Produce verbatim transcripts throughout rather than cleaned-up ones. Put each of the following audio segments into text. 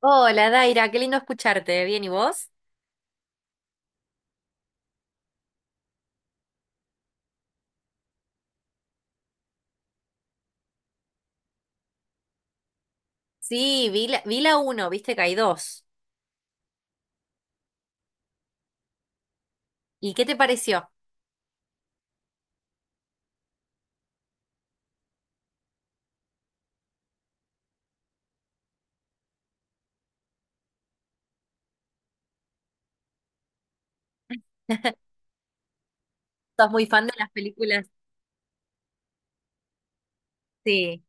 Hola, Daira, qué lindo escucharte. ¿Bien y vos? Sí, vi la, vi la uno, viste que hay dos. ¿Y qué te pareció? ¿Sos muy fan de las películas? Sí.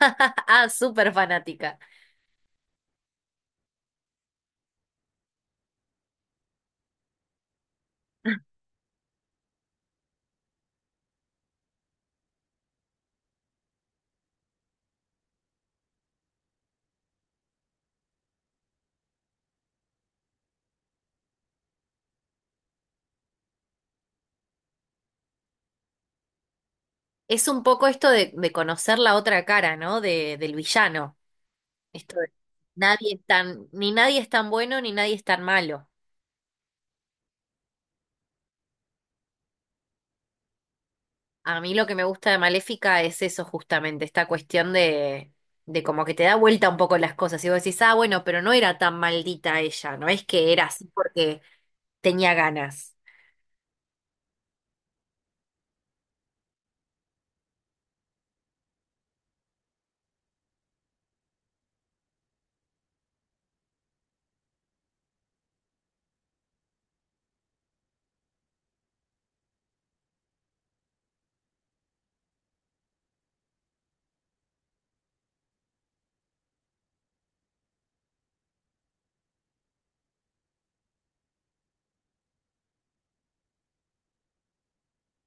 Ah, súper fanática. Es un poco esto de, de conocer la otra cara, ¿no? De, del villano. Esto de nadie es tan, ni nadie es tan bueno ni nadie es tan malo. A mí lo que me gusta de Maléfica es eso justamente, esta cuestión de, de como que te da vuelta un poco las cosas. Y vos decís, ah, bueno, pero no era tan maldita ella, no es que era así porque tenía ganas.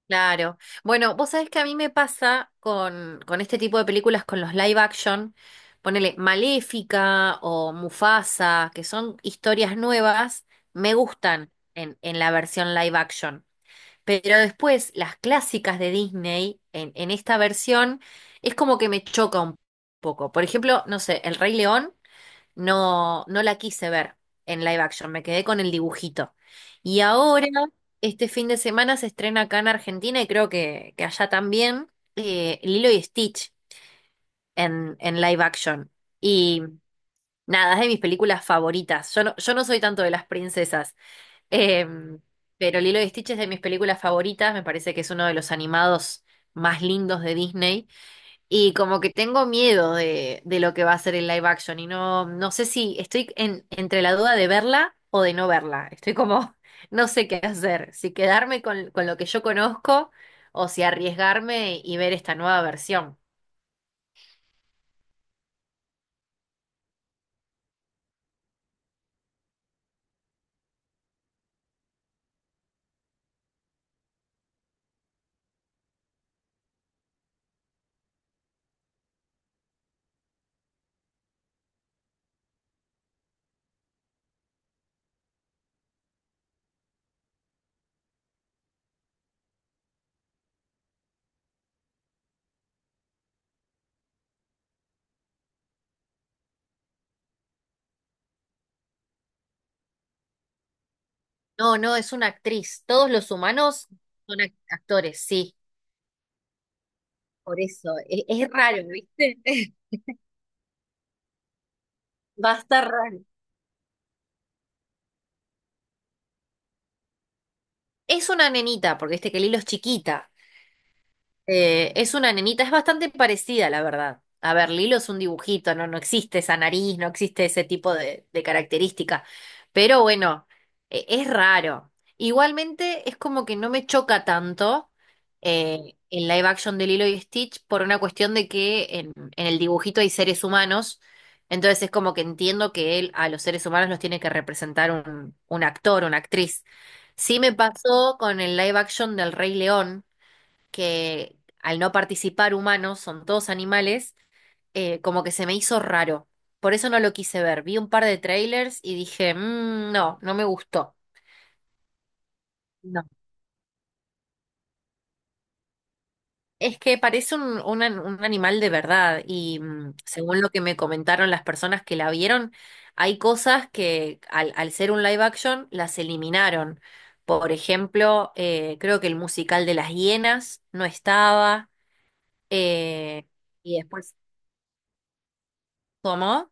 Claro. Bueno, vos sabés que a mí me pasa con, con este tipo de películas, con los live action, ponele Maléfica o Mufasa, que son historias nuevas, me gustan en, en la versión live action. Pero después, las clásicas de Disney, en, en esta versión, es como que me choca un poco. Por ejemplo, no sé, El Rey León. No, no la quise ver en live action, me quedé con el dibujito. Y ahora, este fin de semana se estrena acá en Argentina y creo que, que allá también, eh, Lilo y Stitch en, en live action. Y nada, es de mis películas favoritas. Yo no, yo no soy tanto de las princesas, eh, pero Lilo y Stitch es de mis películas favoritas, me parece que es uno de los animados más lindos de Disney. Y como que tengo miedo de, de lo que va a ser el live action y no, no sé si estoy en, entre la duda de verla o de no verla. Estoy como, no sé qué hacer, si quedarme con, con lo que yo conozco o si arriesgarme y ver esta nueva versión. No, no, es una actriz. Todos los humanos son ac- actores, sí. Por eso, e- es, raro, ¿viste? Va a estar raro. Es una nenita, porque este que Lilo es chiquita. Eh, es una nenita, es bastante parecida, la verdad. A ver, Lilo es un dibujito, no, no existe esa nariz, no existe ese tipo de, de característica. Pero bueno, e- es raro. Igualmente es como que no me choca tanto eh, el live action de Lilo y Stitch por una cuestión de que en, en el dibujito hay seres humanos. Entonces es como que entiendo que él a los seres humanos los tiene que representar un, un actor, una actriz. Sí me pasó con el live action del Rey León que al no participar humanos, son todos animales, eh, como que se me hizo raro. Por eso no lo quise ver. Vi un par de trailers y dije, "Mm, no, no me gustó. No. Es que parece un, un an- un animal de verdad y mm, según lo que me comentaron las personas que la vieron, hay cosas que al, al ser un live action las eliminaron. Por ejemplo, eh, creo que el musical de las hienas no estaba eh, y después... ¿Cómo?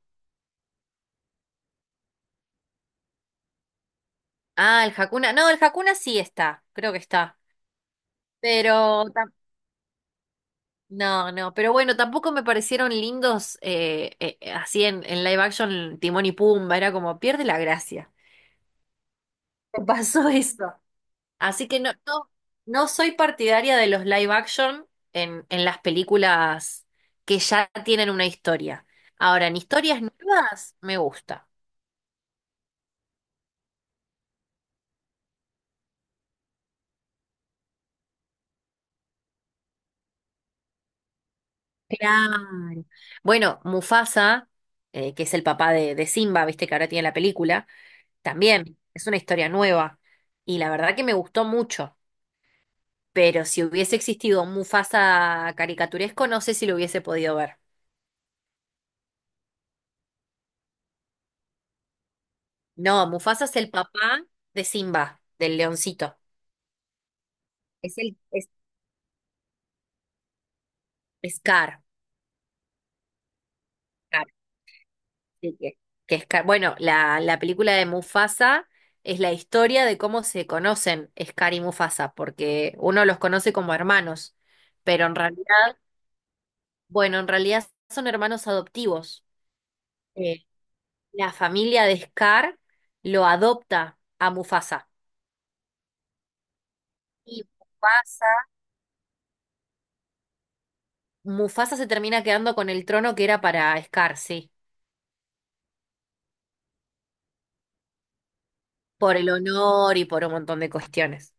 Ah, el Hakuna. No, el Hakuna sí está, creo que está. Pero tam- no, no, pero bueno, tampoco me parecieron lindos eh, eh, eh, así en, en live action Timón y Pumba, era como pierde la gracia. Me pasó eso. Así que no, no, no soy partidaria de los live action en, en las películas que ya tienen una historia. Ahora, en historias nuevas me gusta. Claro. Bueno, Mufasa, eh, que es el papá de, de Simba, viste que ahora tiene la película. También es una historia nueva y la verdad que me gustó mucho, pero si hubiese existido un Mufasa caricaturesco, no sé si lo hubiese podido ver. No, Mufasa es el papá de Simba, del leoncito. Es el es, Scar. Scar, sí, que, que Scar- bueno, la, la película de Mufasa es la historia de cómo se conocen Scar y Mufasa, porque uno los conoce como hermanos, pero en realidad, bueno, en realidad son hermanos adoptivos. eh, La familia de Scar lo adopta a Mufasa. Y Mufasa. Mufasa se termina quedando con el trono que era para Scar, sí. Por el honor y por un montón de cuestiones.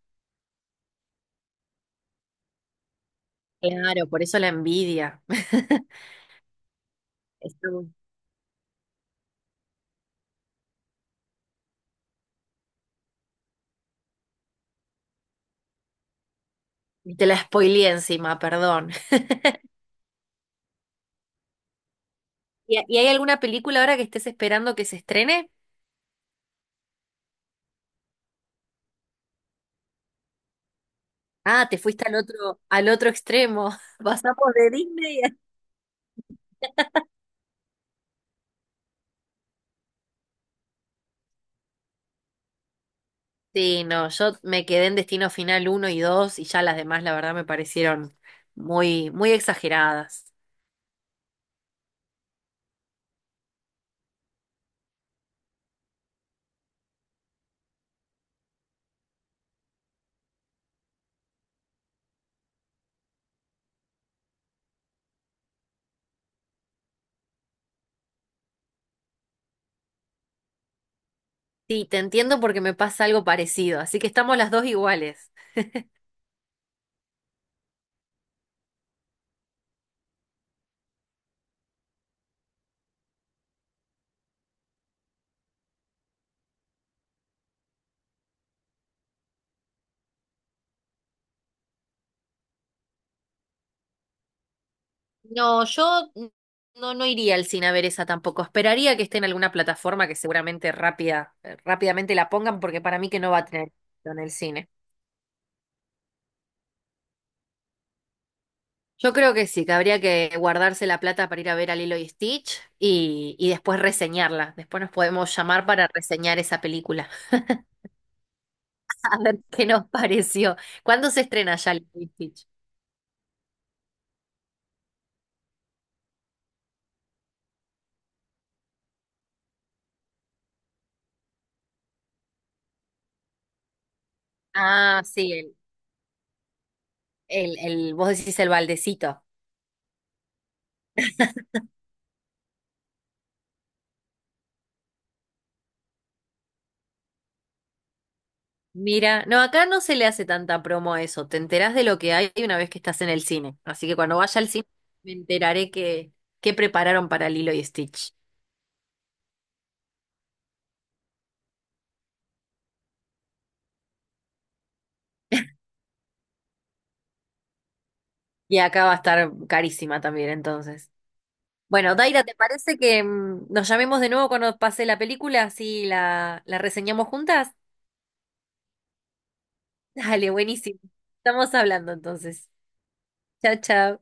Claro, por eso la envidia. Está. Te la spoileé encima, perdón. ¿Y, y hay alguna película ahora que estés esperando que se estrene? Ah, te fuiste al otro, al otro extremo. Pasamos de Disney. Sí, no, yo me quedé en Destino Final uno y dos y ya las demás, la verdad, me parecieron muy, muy exageradas. Sí, te entiendo porque me pasa algo parecido, así que estamos las dos iguales. No, yo no, no iría al cine a ver esa tampoco. Esperaría que esté en alguna plataforma que seguramente rápida, rápidamente la pongan porque para mí que no va a tener éxito en el cine. Yo creo que sí, que habría que guardarse la plata para ir a ver a Lilo y Stitch y, y después reseñarla. Después nos podemos llamar para reseñar esa película. A ver qué nos pareció. ¿Cuándo se estrena ya el Stitch? Ah, sí, el, el, el, vos decís el baldecito. Mira, no, acá no se le hace tanta promo a eso. Te enterás de lo que hay una vez que estás en el cine. Así que cuando vaya al cine me enteraré que, que prepararon para Lilo y Stitch. Y acá va a estar carísima también, entonces. Bueno, Daira, ¿te parece que mm, nos llamemos de nuevo cuando pase la película? Así la, la reseñamos juntas. Dale, buenísimo. Estamos hablando entonces. Chao, chao.